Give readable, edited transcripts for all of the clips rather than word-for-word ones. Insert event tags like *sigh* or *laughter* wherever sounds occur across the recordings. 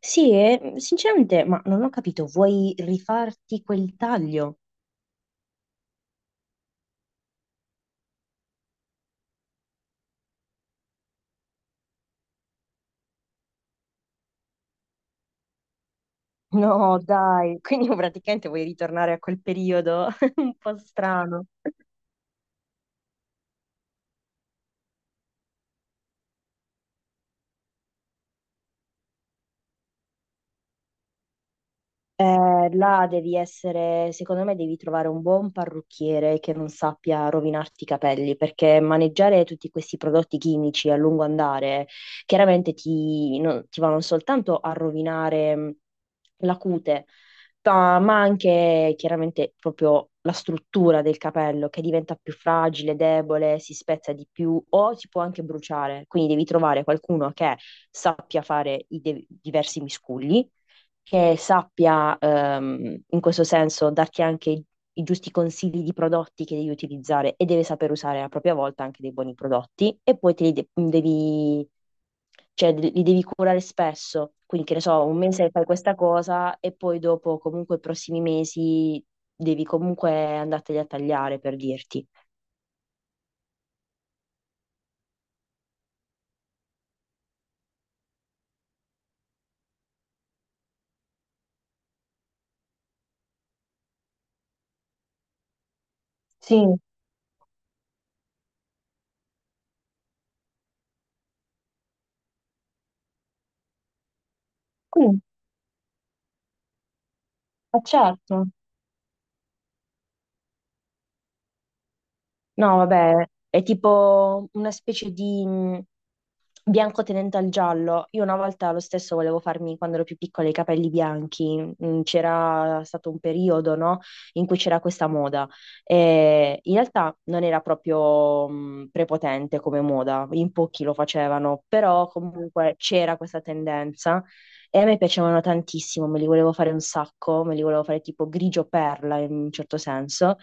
Sì, e sinceramente, ma non ho capito, vuoi rifarti quel taglio? *laughs* No, dai, quindi praticamente vuoi ritornare a quel periodo *laughs* un po' strano. Là devi essere, secondo me devi trovare un buon parrucchiere che non sappia rovinarti i capelli, perché maneggiare tutti questi prodotti chimici a lungo andare chiaramente ti, no- ti vanno soltanto a rovinare la cute, ma anche chiaramente proprio la struttura del capello che diventa più fragile, debole, si spezza di più o si può anche bruciare. Quindi devi trovare qualcuno che sappia fare i diversi miscugli che sappia in questo senso darti anche i giusti consigli di prodotti che devi utilizzare e deve saper usare a propria volta anche dei buoni prodotti e poi te li de- mm, devi, cioè, de- li devi curare spesso. Quindi, che ne so, un mese fai questa cosa e poi dopo, comunque, i prossimi mesi devi comunque andarteli a tagliare per dirti. Sì, sì, ma certo. No, vabbè, è tipo una specie di, bianco tenente al giallo. Io una volta lo stesso volevo farmi, quando ero più piccola, i capelli bianchi. C'era stato un periodo, no, in cui c'era questa moda. E in realtà non era proprio prepotente come moda, in pochi lo facevano, però comunque c'era questa tendenza. E a me piacevano tantissimo, me li volevo fare un sacco, me li volevo fare tipo grigio perla in un certo senso.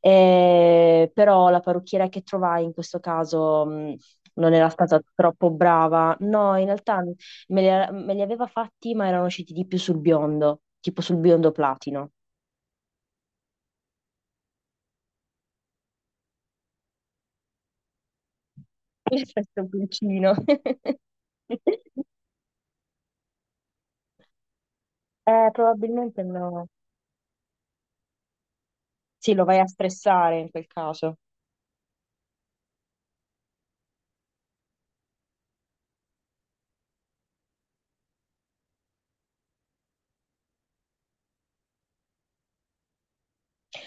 Però la parrucchiera che trovai in questo caso, non era stata troppo brava. No, in realtà me li aveva fatti, ma erano usciti di più sul biondo, tipo sul biondo platino. L'effetto pulcino. *laughs* Probabilmente no. Sì, lo vai a stressare in quel caso.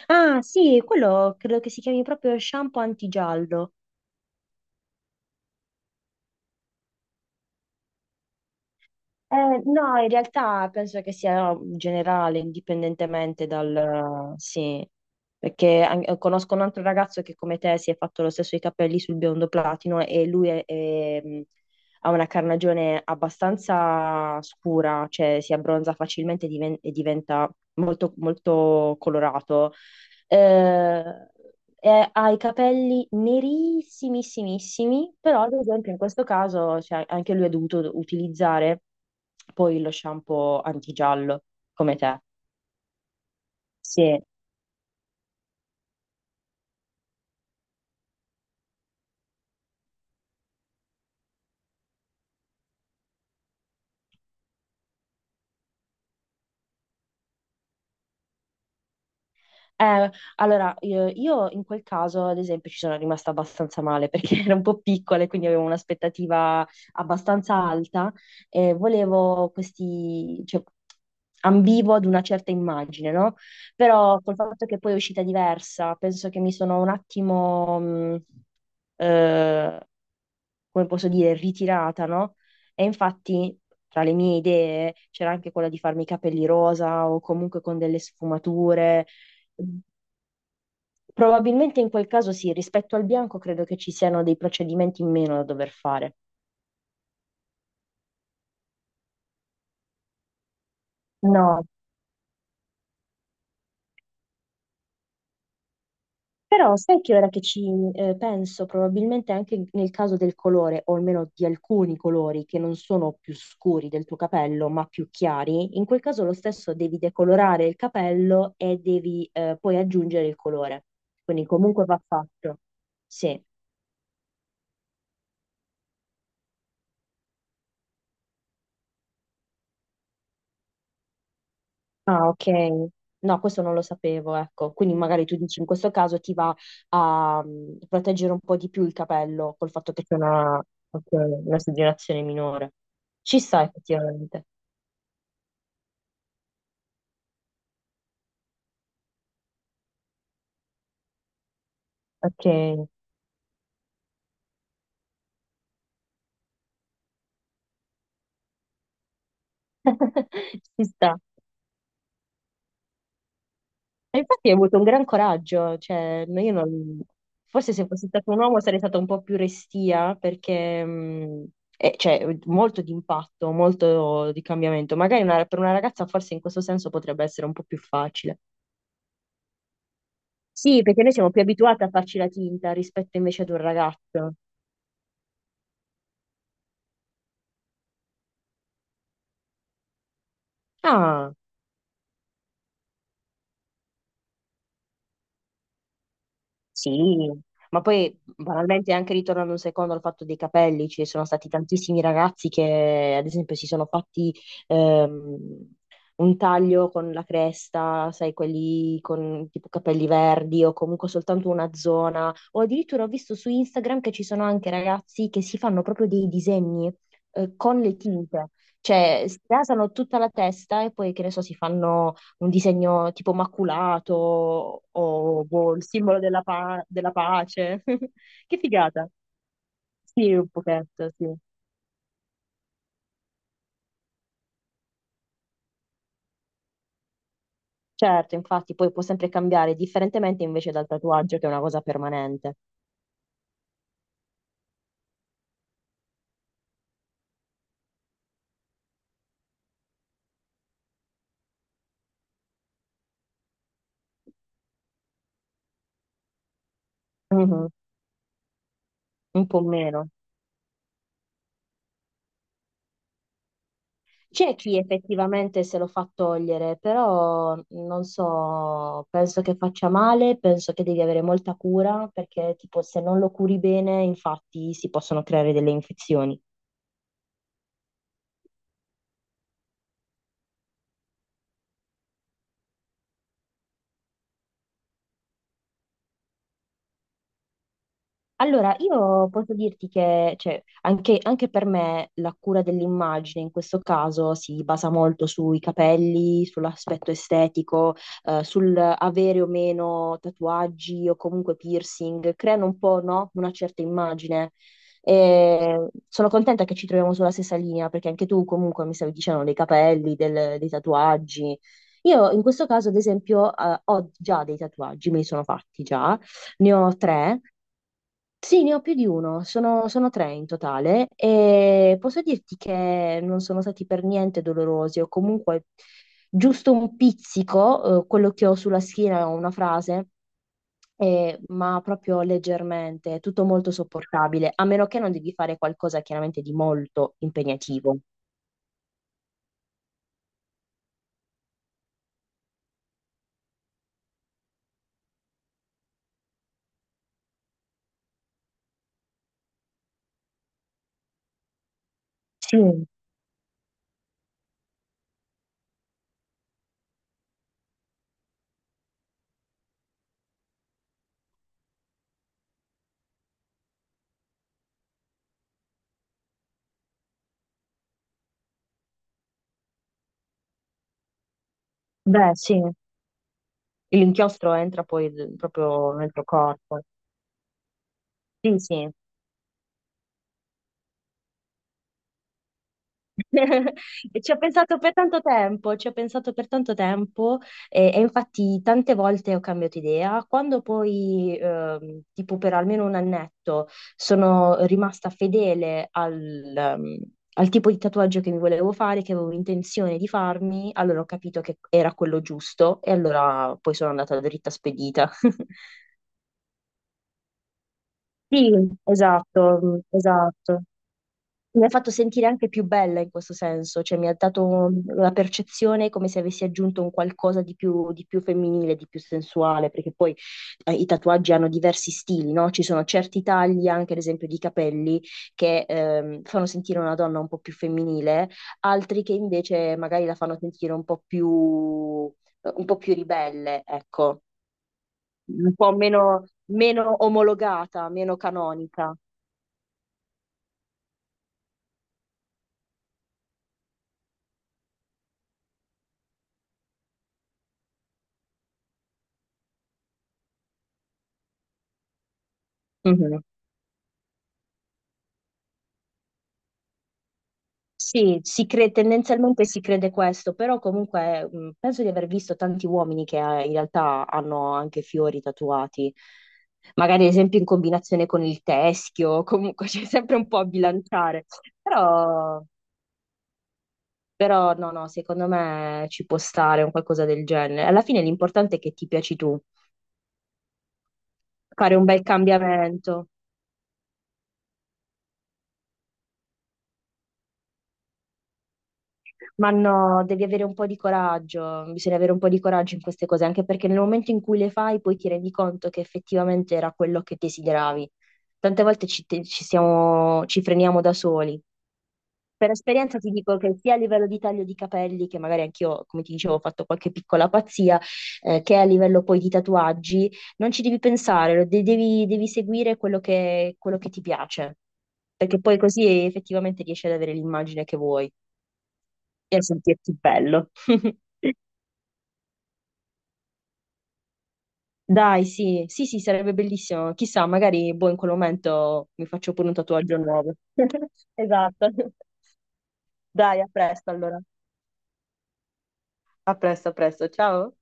Ah, sì, quello credo che si chiami proprio shampoo antigiallo. No, in realtà penso che sia generale, indipendentemente dal... Sì, perché conosco un altro ragazzo che come te si è fatto lo stesso i capelli sul biondo platino e lui è, ha una carnagione abbastanza scura, cioè si abbronza facilmente e diventa molto, molto colorato. Eh, ha i capelli nerissimissimissimi, però ad esempio in questo caso cioè, anche lui ha dovuto utilizzare poi lo shampoo antigiallo, come te. Sì. Eh, allora, io in quel caso, ad esempio, ci sono rimasta abbastanza male perché *laughs* ero un po' piccola e quindi avevo un'aspettativa abbastanza alta e volevo questi, cioè, ambivo ad una certa immagine, no? Però col fatto che poi è uscita diversa, penso che mi sono un attimo, eh, come posso dire, ritirata, no? E infatti tra le mie idee c'era anche quella di farmi i capelli rosa o comunque con delle sfumature. Probabilmente in quel caso sì, rispetto al bianco credo che ci siano dei procedimenti in meno da dover fare. No, però sai che ora che ci penso, probabilmente anche nel caso del colore, o almeno di alcuni colori che non sono più scuri del tuo capello, ma più chiari, in quel caso lo stesso devi decolorare il capello e devi poi aggiungere il colore. Quindi comunque va fatto. Sì. Ah, ok. No, questo non lo sapevo, ecco. Quindi magari tu dici in questo caso ti va a proteggere un po' di più il capello col fatto che c'è una, ok, una esogerazione minore. Ci sta effettivamente. Ok. *laughs* Ci sta. E infatti hai avuto un gran coraggio, cioè no, io non... Forse se fossi stato un uomo sarei stata un po' più restia perché c'è molto di impatto, molto di cambiamento. Magari per una ragazza forse in questo senso potrebbe essere un po' più facile. Sì, perché noi siamo più abituati a farci la tinta rispetto invece ad un ragazzo. Ah, sì, ma poi banalmente anche ritornando un secondo al fatto dei capelli, ci sono stati tantissimi ragazzi che ad esempio si sono fatti ehm, un taglio con la cresta, sai, quelli con tipo capelli verdi o comunque soltanto una zona, o addirittura ho visto su Instagram che ci sono anche ragazzi che si fanno proprio dei disegni con le tinte, cioè si rasano tutta la testa e poi che ne so, si fanno un disegno tipo maculato o boh, il simbolo della pace. *laughs* Che figata! Sì, un pochetto, sì. Certo, infatti, poi può sempre cambiare, differentemente invece dal tatuaggio, che è una cosa permanente. Mhm. Un po' meno. C'è chi effettivamente se lo fa togliere, però non so, penso che faccia male, penso che devi avere molta cura, perché tipo se non lo curi bene, infatti si possono creare delle infezioni. Allora, io posso dirti che cioè, anche, anche per me la cura dell'immagine in questo caso si basa molto sui capelli, sull'aspetto estetico, sul avere o meno tatuaggi o comunque piercing, creano un po', no? Una certa immagine. E sono contenta che ci troviamo sulla stessa linea, perché anche tu comunque mi stavi dicendo dei capelli, dei tatuaggi. Io in questo caso, ad esempio, ho già dei tatuaggi, me li sono fatti già, ne ho tre. Sì, ne ho più di uno, sono tre in totale e posso dirti che non sono stati per niente dolorosi o comunque giusto un pizzico, quello che ho sulla schiena è una frase, ma proprio leggermente, tutto molto sopportabile, a meno che non devi fare qualcosa chiaramente di molto impegnativo. Sì, beh, sì. L'inchiostro entra proprio nel tuo corpo. Sì, sì. *laughs* E ci ho pensato per tanto tempo, ci ho pensato per tanto tempo e infatti tante volte ho cambiato idea. Quando poi, tipo per almeno un annetto, sono rimasta fedele al tipo di tatuaggio che mi volevo fare, che avevo intenzione di farmi, allora ho capito che era quello giusto e allora poi sono andata dritta spedita. *laughs* Sì, esatto, esatto. Mi ha fatto sentire anche più bella in questo senso, cioè mi ha dato la percezione come se avessi aggiunto un qualcosa di più femminile, di più sensuale, perché poi i tatuaggi hanno diversi stili, no? Ci sono certi tagli, anche ad esempio di capelli, che fanno sentire una donna un po' più femminile, altri che invece magari la fanno sentire un po' più ribelle, ecco, un po' meno, meno omologata, meno canonica. Sì, tendenzialmente si crede questo, però comunque penso di aver visto tanti uomini che in realtà hanno anche fiori tatuati, magari ad esempio in combinazione con il teschio, comunque *laughs* c'è sempre un po' a bilanciare, però, però no, no, secondo me ci può stare un qualcosa del genere. Alla fine l'importante è che ti piaci tu, fare un bel cambiamento. Ma no, devi avere un po' di coraggio, bisogna avere un po' di coraggio in queste cose, anche perché nel momento in cui le fai poi ti rendi conto che effettivamente era quello che desideravi. Tante volte ci siamo, ci freniamo da soli. Per esperienza ti dico che sia a livello di taglio di capelli, che magari anch'io, come ti dicevo, ho fatto qualche piccola pazzia, che a livello poi di tatuaggi, non ci devi pensare, devi seguire quello che ti piace, perché poi così effettivamente riesci ad avere l'immagine che vuoi e sentirti bello. *laughs* Dai, sì, sì, sì, sarebbe bellissimo. Chissà, magari boh, in quel momento mi faccio pure un tatuaggio nuovo. *laughs* Esatto. Dai, a presto allora. A presto, a presto. Ciao.